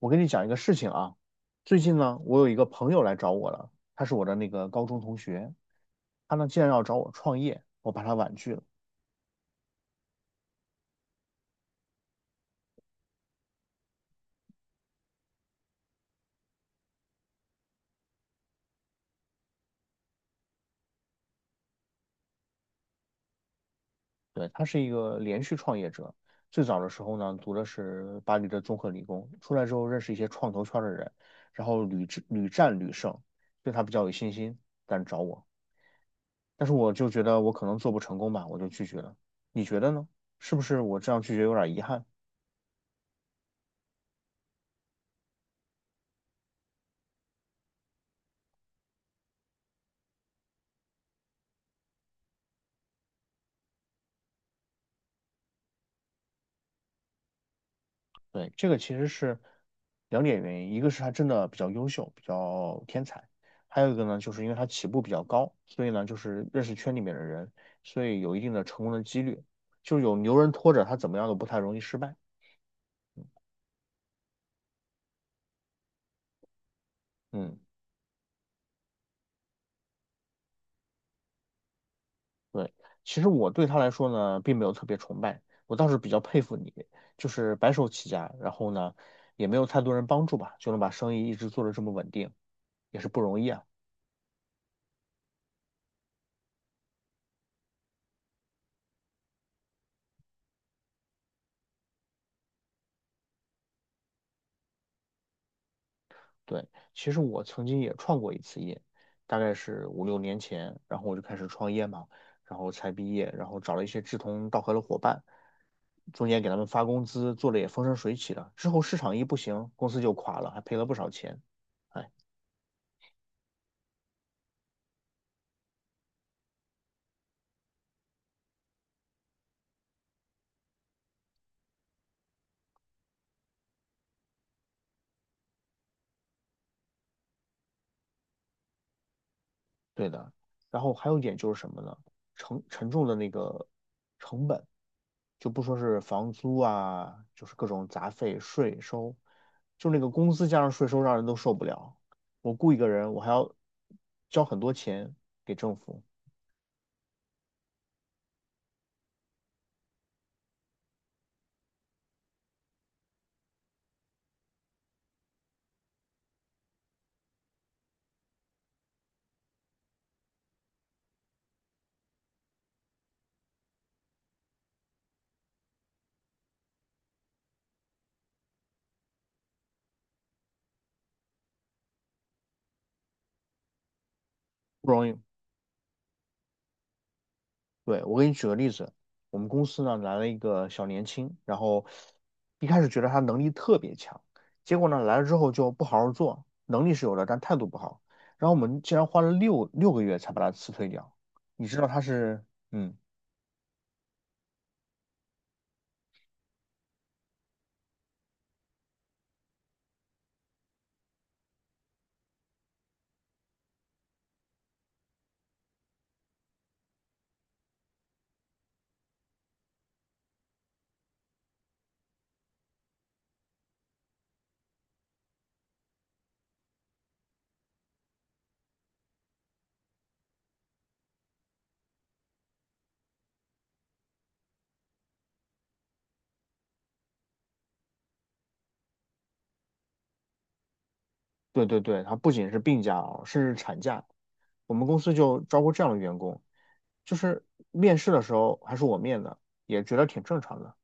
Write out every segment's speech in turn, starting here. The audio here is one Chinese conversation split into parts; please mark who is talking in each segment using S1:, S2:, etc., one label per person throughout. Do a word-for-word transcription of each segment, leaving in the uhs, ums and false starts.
S1: 我跟你讲一个事情啊，最近呢，我有一个朋友来找我了，他是我的那个高中同学，他呢竟然要找我创业，我把他婉拒了。对，他是一个连续创业者，最早的时候呢，读的是巴黎的综合理工，出来之后认识一些创投圈的人，然后屡战屡战屡胜，对他比较有信心，敢找我，但是我就觉得我可能做不成功吧，我就拒绝了。你觉得呢？是不是我这样拒绝有点遗憾？对，这个其实是两点原因，一个是他真的比较优秀，比较天才，还有一个呢，就是因为他起步比较高，所以呢，就是认识圈里面的人，所以有一定的成功的几率，就是有牛人拖着他怎么样都不太容易失败。嗯，对，其实我对他来说呢，并没有特别崇拜，我倒是比较佩服你，就是白手起家，然后呢，也没有太多人帮助吧，就能把生意一直做的这么稳定，也是不容易啊。对，其实我曾经也创过一次业，大概是五六年前，然后我就开始创业嘛，然后才毕业，然后找了一些志同道合的伙伴，中间给他们发工资，做的也风生水起的，之后市场一不行，公司就垮了，还赔了不少钱。哎。对的。然后还有一点就是什么呢？沉沉重的那个成本，就不说是房租啊，就是各种杂费、税收，就那个工资加上税收，让人都受不了。我雇一个人，我还要交很多钱给政府，不容易。对，我给你举个例子，我们公司呢来了一个小年轻，然后一开始觉得他能力特别强，结果呢来了之后就不好好做，能力是有的，但态度不好，然后我们竟然花了六六个月才把他辞退掉。你知道他是，嗯，对对对，他不仅是病假哦，甚至产假。我们公司就招过这样的员工，就是面试的时候还是我面的，也觉得挺正常的。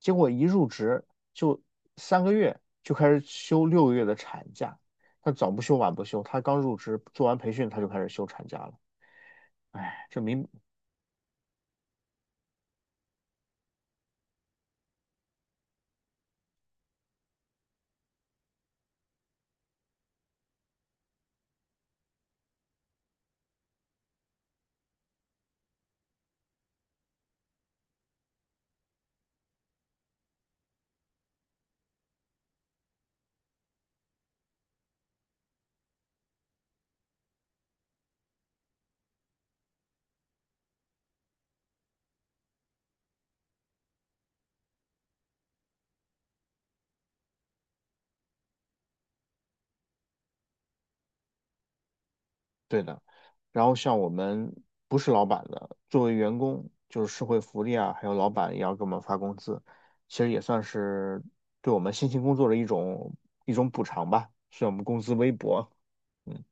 S1: 结果一入职就三个月就开始休六个月的产假，他早不休晚不休，他刚入职做完培训他就开始休产假了，哎，这明对的。然后像我们不是老板的，作为员工，就是社会福利啊，还有老板也要给我们发工资，其实也算是对我们辛勤工作的一种一种补偿吧，虽然我们工资微薄，嗯，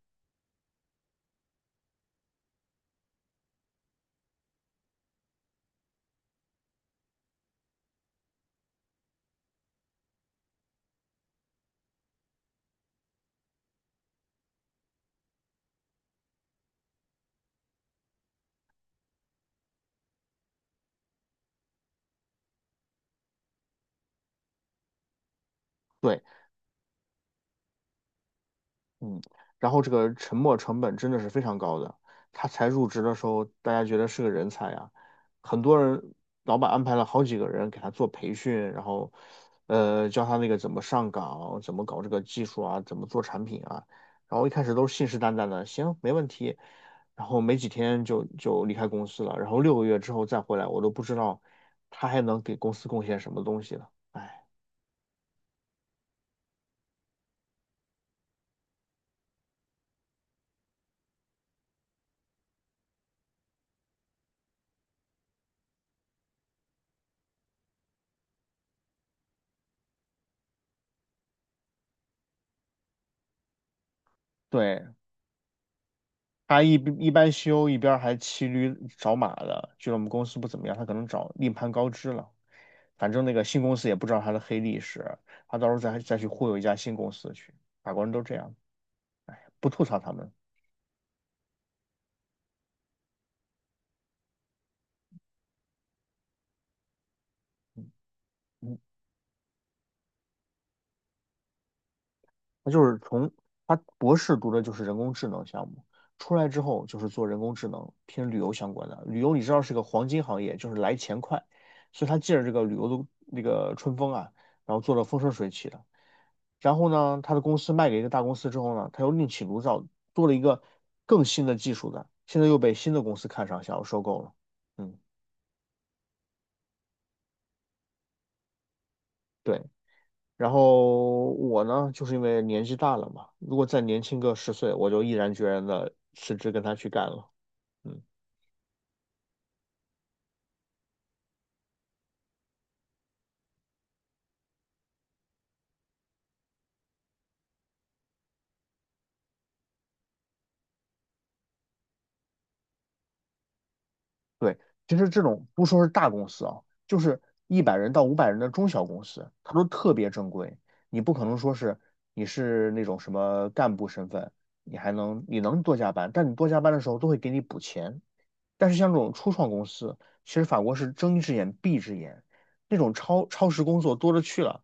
S1: 对。嗯，然后这个沉没成本真的是非常高的。他才入职的时候，大家觉得是个人才啊，很多人老板安排了好几个人给他做培训，然后呃教他那个怎么上岗，怎么搞这个技术啊，怎么做产品啊。然后一开始都是信誓旦旦的，行，没问题。然后没几天就就离开公司了，然后六个月之后再回来，我都不知道他还能给公司贡献什么东西了。哎，对，他一一边修一边还骑驴找马的，觉得我们公司不怎么样，他可能找另攀高枝了。反正那个新公司也不知道他的黑历史，他到时候再再去忽悠一家新公司去。法国人都这样，不吐槽他们。他就是从他博士读的就是人工智能项目，出来之后就是做人工智能偏旅游相关的。旅游你知道是个黄金行业，就是来钱快，所以他借着这个旅游的那个春风啊，然后做的风生水起的。然后呢，他的公司卖给一个大公司之后呢，他又另起炉灶做了一个更新的技术的，现在又被新的公司看上，想要收购了。嗯，对。然后我呢，就是因为年纪大了嘛，如果再年轻个十岁，我就毅然决然的辞职跟他去干了。嗯，对，其实这种不说是大公司啊，就是一百人到五百人的中小公司，它都特别正规，你不可能说是你是那种什么干部身份，你还能你能多加班，但你多加班的时候都会给你补钱。但是像这种初创公司，其实法国是睁一只眼闭一只眼，那种超超时工作多了去了。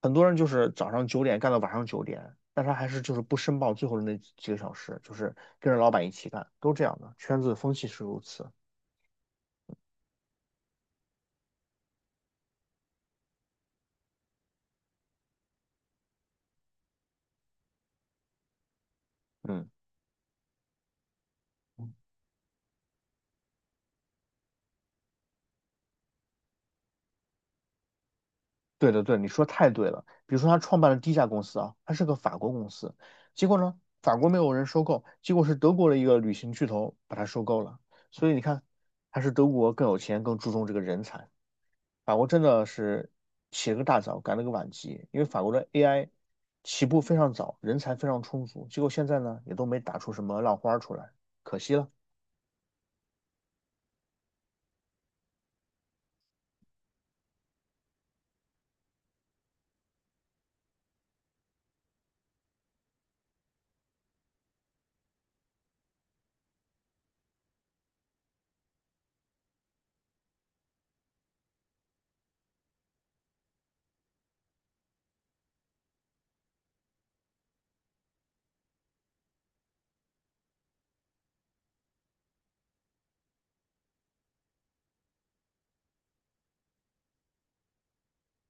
S1: 很多人就是早上九点干到晚上九点，但他还是就是不申报最后的那几个小时，就是跟着老板一起干，都这样的，圈子风气是如此。嗯，对的对，你说太对了。比如说他创办了第一家公司啊，他是个法国公司，结果呢，法国没有人收购，结果是德国的一个旅行巨头把他收购了。所以你看，还是德国更有钱，更注重这个人才。法国真的是起了个大早，赶了个晚集，因为法国的 A I 起步非常早，人才非常充足，结果现在呢也都没打出什么浪花出来，可惜了。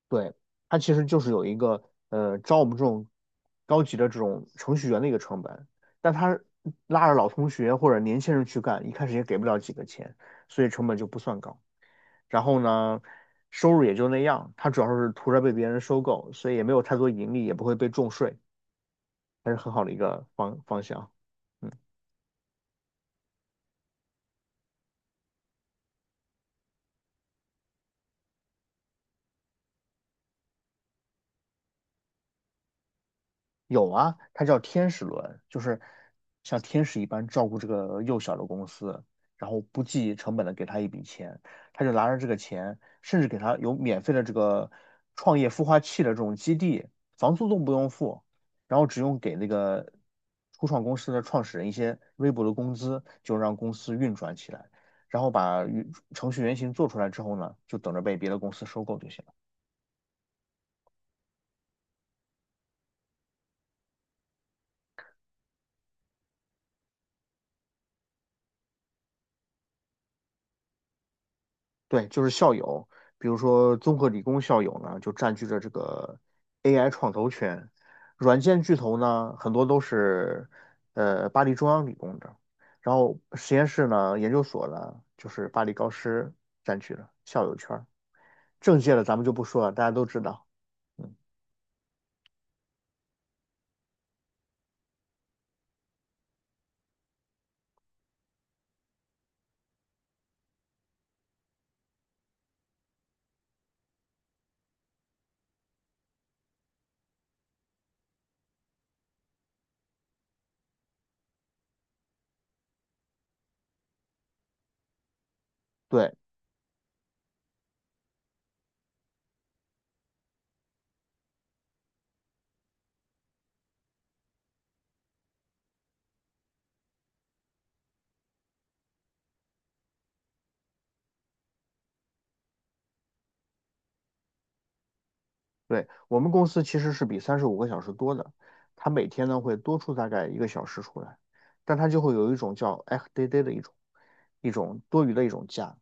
S1: 对，它其实就是有一个呃招我们这种高级的这种程序员的一个成本，但他拉着老同学或者年轻人去干，一开始也给不了几个钱，所以成本就不算高。然后呢，收入也就那样，他主要是图着被别人收购，所以也没有太多盈利，也不会被重税。还是很好的一个方方向。有啊，它叫天使轮，就是像天使一般照顾这个幼小的公司，然后不计成本的给他一笔钱，他就拿着这个钱，甚至给他有免费的这个创业孵化器的这种基地，房租都不用付，然后只用给那个初创公司的创始人一些微薄的工资，就让公司运转起来，然后把语程序原型做出来之后呢，就等着被别的公司收购就行了。对，就是校友，比如说综合理工校友呢，就占据着这个 A I 创投圈；软件巨头呢，很多都是呃巴黎中央理工的，然后实验室呢、研究所呢，就是巴黎高师占据了校友圈儿。政界的咱们就不说了，大家都知道。嗯，对对，我们公司其实是比三十五个小时多的，它每天呢会多出大概一个小时出来，但它就会有一种叫 F d a d 的一种一种多余的一种假。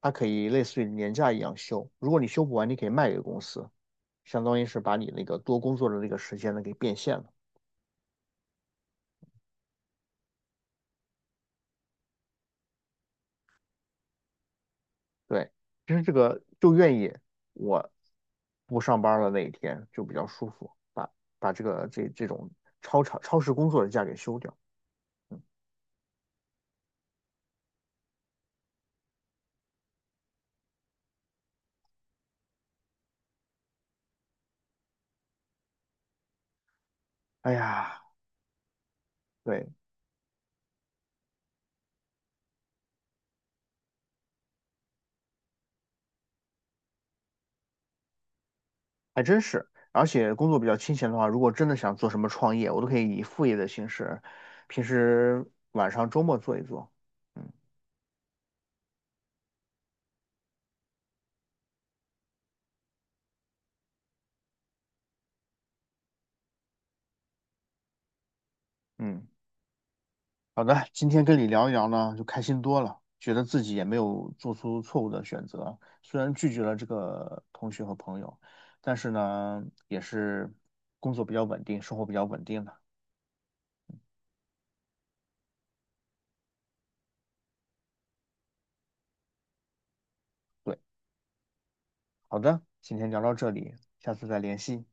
S1: 它可以类似于年假一样休。如果你休不完，你可以卖给公司，相当于是把你那个多工作的那个时间呢给变现了。对，其实这个就愿意我不上班了那一天就比较舒服，把把这个这这种超长超时工作的假给休掉。嗯，哎呀，对，还真是。而且工作比较清闲的话，如果真的想做什么创业，我都可以以副业的形式，平时晚上周末做一做。嗯嗯。好的，今天跟你聊一聊呢，就开心多了，觉得自己也没有做出错误的选择。虽然拒绝了这个同学和朋友，但是呢，也是工作比较稳定，生活比较稳定的。对，好的，今天聊到这里，下次再联系。